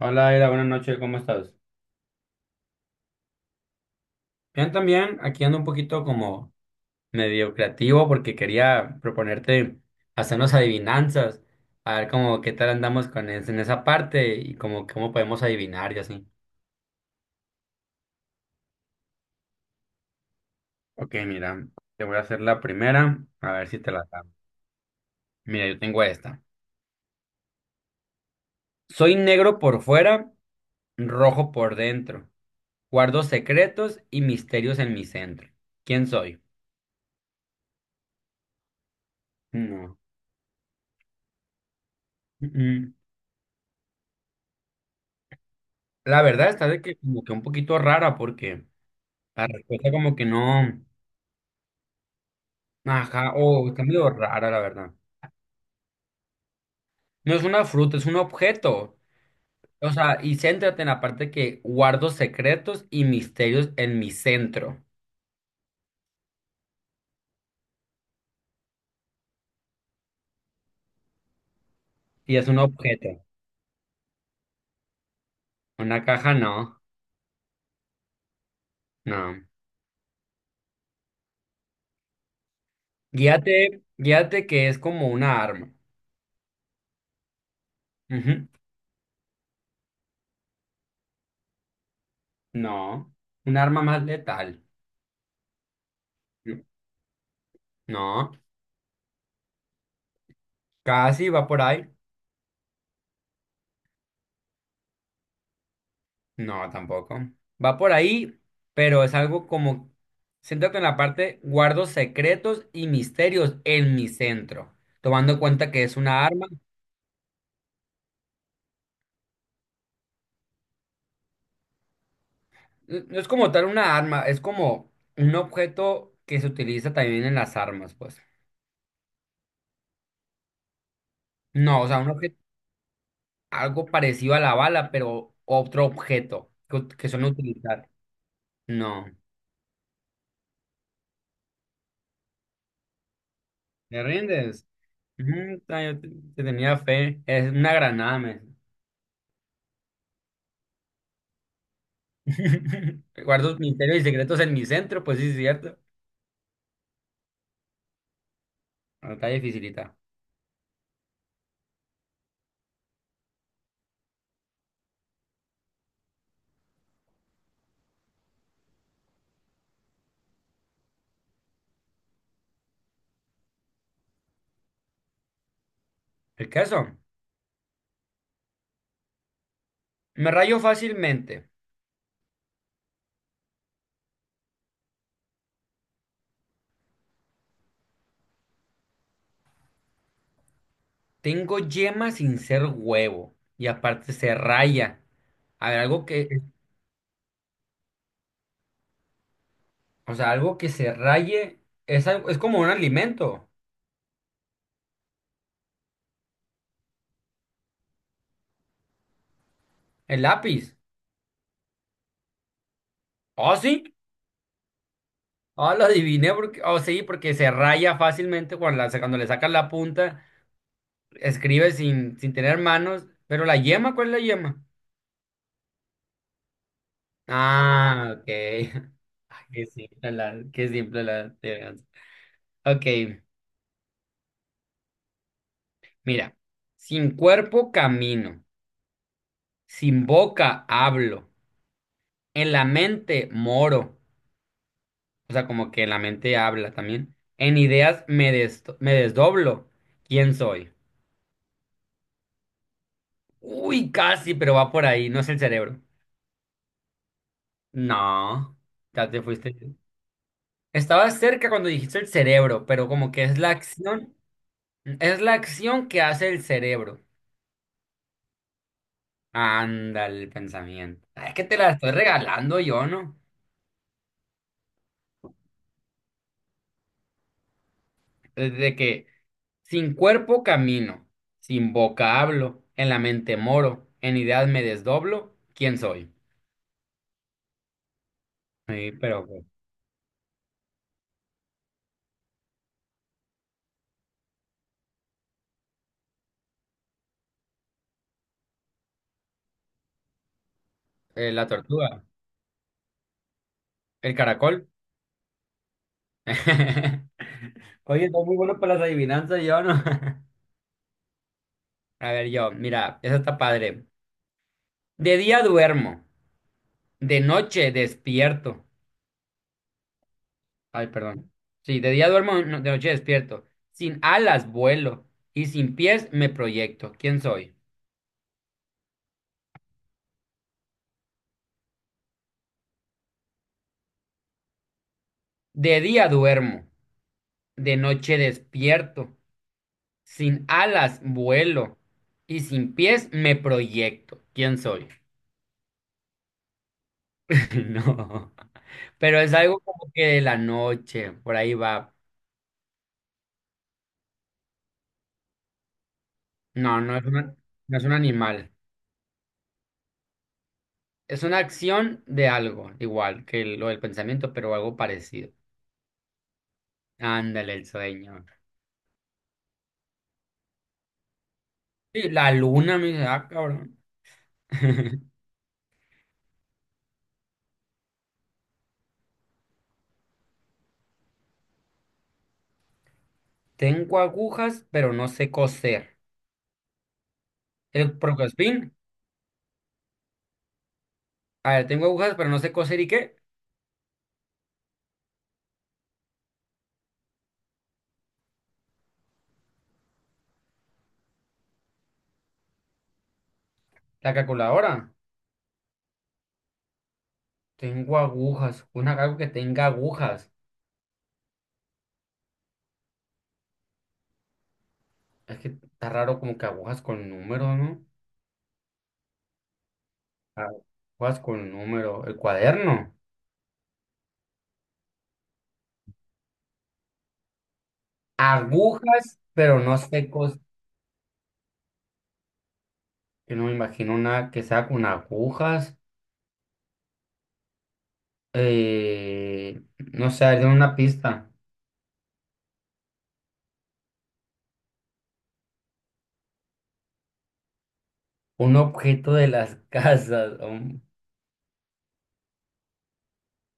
Hola, Aira, buenas noches, ¿cómo estás? Bien, también, aquí ando un poquito como medio creativo porque quería proponerte hacernos adivinanzas, a ver como qué tal andamos con en esa parte y como cómo podemos adivinar y así. Ok, mira, te voy a hacer la primera, a ver si te la da. Mira, yo tengo esta. Soy negro por fuera, rojo por dentro. Guardo secretos y misterios en mi centro. ¿Quién soy? No. Mm, mm. La verdad está de que como que un poquito rara porque... La respuesta como que no, ajá, o está medio rara, la verdad. No es una fruta, es un objeto. O sea, y céntrate en la parte que guardo secretos y misterios en mi centro. Y es un objeto. Una caja no, no. Guíate, guíate que es como una arma. Ujú. No, un arma más letal. No, casi va por ahí. No, tampoco. Va por ahí, pero es algo como, siéntate en la parte, guardo secretos y misterios en mi centro, tomando en cuenta que es una arma. No es como tal una arma, es como un objeto que se utiliza también en las armas, pues. No, o sea, un objeto, algo parecido a la bala, pero otro objeto que, que suelen utilizar. No, ¿me rindes? Ujú, te tenía fe. Es una granada, me. Guardo misterios y secretos en mi centro, pues sí, es cierto. No, está dificilita. El caso, me rayo fácilmente. Tengo yema sin ser huevo. Y aparte se raya. A ver, algo que, o sea, algo que se raye es, es como un alimento. El lápiz. ¿Oh, sí? Ah, lo adiviné porque, oh, sí, porque se raya fácilmente cuando, cuando le sacas la punta. Escribe sin tener manos. Pero la yema, ¿cuál es la yema? Ah, ok. Ay, qué simple la, qué simple la adivinanza. Ok, mira. Sin cuerpo camino, sin boca hablo, en la mente moro, o sea, como que en la mente habla también. En ideas me, me desdoblo. ¿Quién soy? Uy, casi, pero va por ahí, no es el cerebro. No, ya te fuiste. Estaba cerca cuando dijiste el cerebro, pero como que es la acción que hace el cerebro. Anda el pensamiento. Ah, es que te la estoy regalando yo, ¿no? Desde que sin cuerpo camino, sin boca hablo, en la mente moro, en ideas me desdoblo, ¿quién soy? Sí, pero pues, la tortuga, el caracol. Oye, estoy muy bueno para las adivinanzas, yo, ¿no? A ver, yo, mira, eso está padre. De día duermo, de noche despierto. Ay, perdón. Sí, de día duermo, de noche despierto. Sin alas vuelo y sin pies me proyecto. ¿Quién soy? De día duermo, de noche despierto. Sin alas vuelo y sin pies me proyecto. ¿Quién soy? No. Pero es algo como que de la noche, por ahí va. No, no es un animal. Es una acción de algo, igual que lo del pensamiento, pero algo parecido. Ándale, el sueño. Sí, la luna me dice, ah, cabrón. Tengo agujas, pero no sé coser. El Procospin. A ver, tengo agujas, pero no sé coser. ¿Y qué? La calculadora. Tengo agujas. Una algo que tenga agujas. Es que está raro como que agujas con número, ¿no? Ah, agujas con número. El cuaderno. Agujas, pero no sé coser. Yo no me imagino una que sea con agujas. Eh, no sé, a una pista. Un objeto de las casas.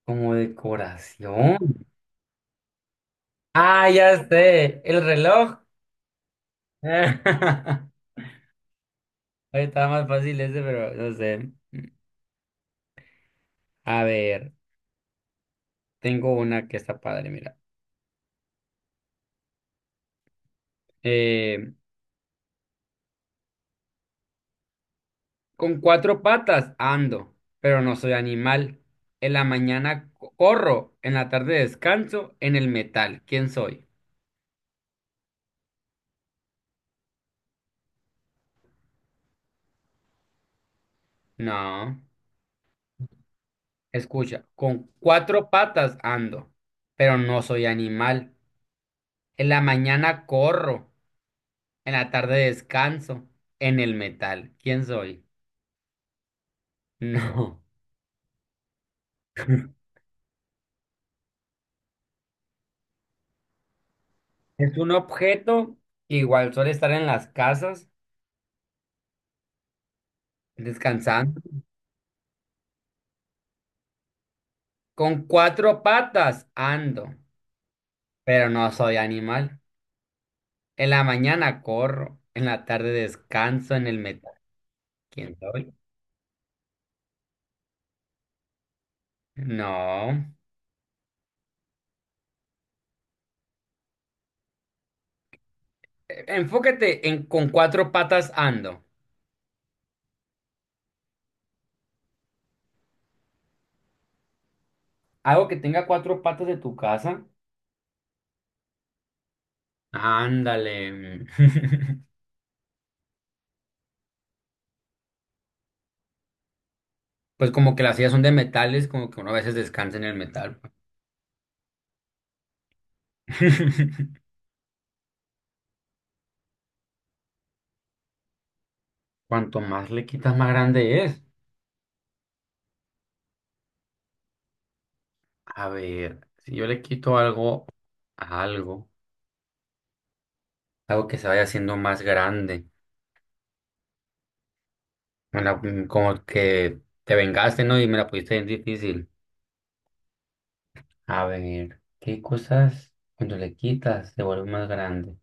Como decoración. Ah, ya sé. El reloj. Ahí estaba más fácil ese, pero no sé. A ver, tengo una que está padre, mira. Eh, con cuatro patas ando, pero no soy animal. En la mañana corro, en la tarde descanso, en el metal. ¿Quién soy? No. Escucha, con cuatro patas ando, pero no soy animal. En la mañana corro. En la tarde descanso en el metal. ¿Quién soy? No. Es un objeto que igual suele estar en las casas descansando. Con cuatro patas ando, pero no soy animal. En la mañana corro, en la tarde descanso en el metal. ¿Quién soy? No. Enfócate en con cuatro patas ando. Algo que tenga cuatro patas de tu casa. Ándale. Pues como que las sillas son de metales, como que uno a veces descansa en el metal. Pues. Cuanto más le quitas, más grande es. A ver, si yo le quito algo a algo, algo que se vaya haciendo más grande, como que te vengaste, ¿no? Y me la pusiste bien difícil. A ver, ¿qué cosas cuando le quitas se vuelve más grande?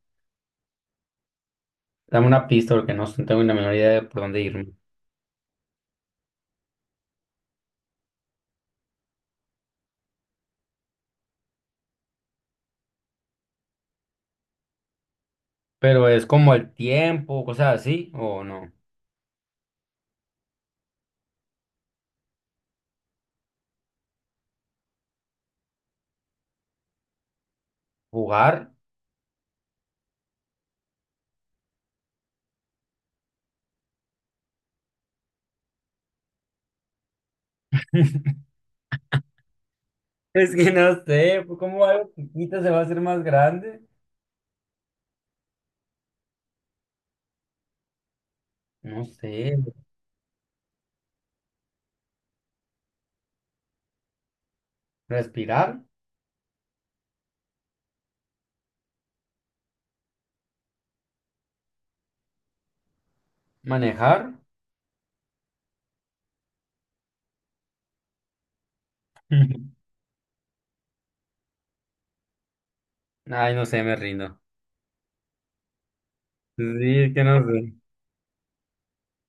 Dame una pista porque no tengo ni la menor idea de por dónde irme. Pero es como el tiempo, cosas así, ¿o no? ¿Jugar? Es que no sé, pues, ¿cómo algo chiquito se va a hacer más grande? No sé, respirar, manejar. Ay, no sé, me rindo. Sí, es que no sé.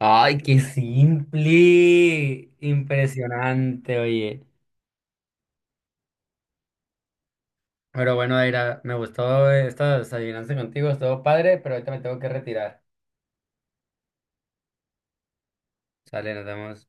Ay, qué simple. Impresionante, oye. Pero bueno, Aira, me gustó esta adivinanza contigo, estuvo padre, pero ahorita me tengo que retirar. Sale, nos vemos.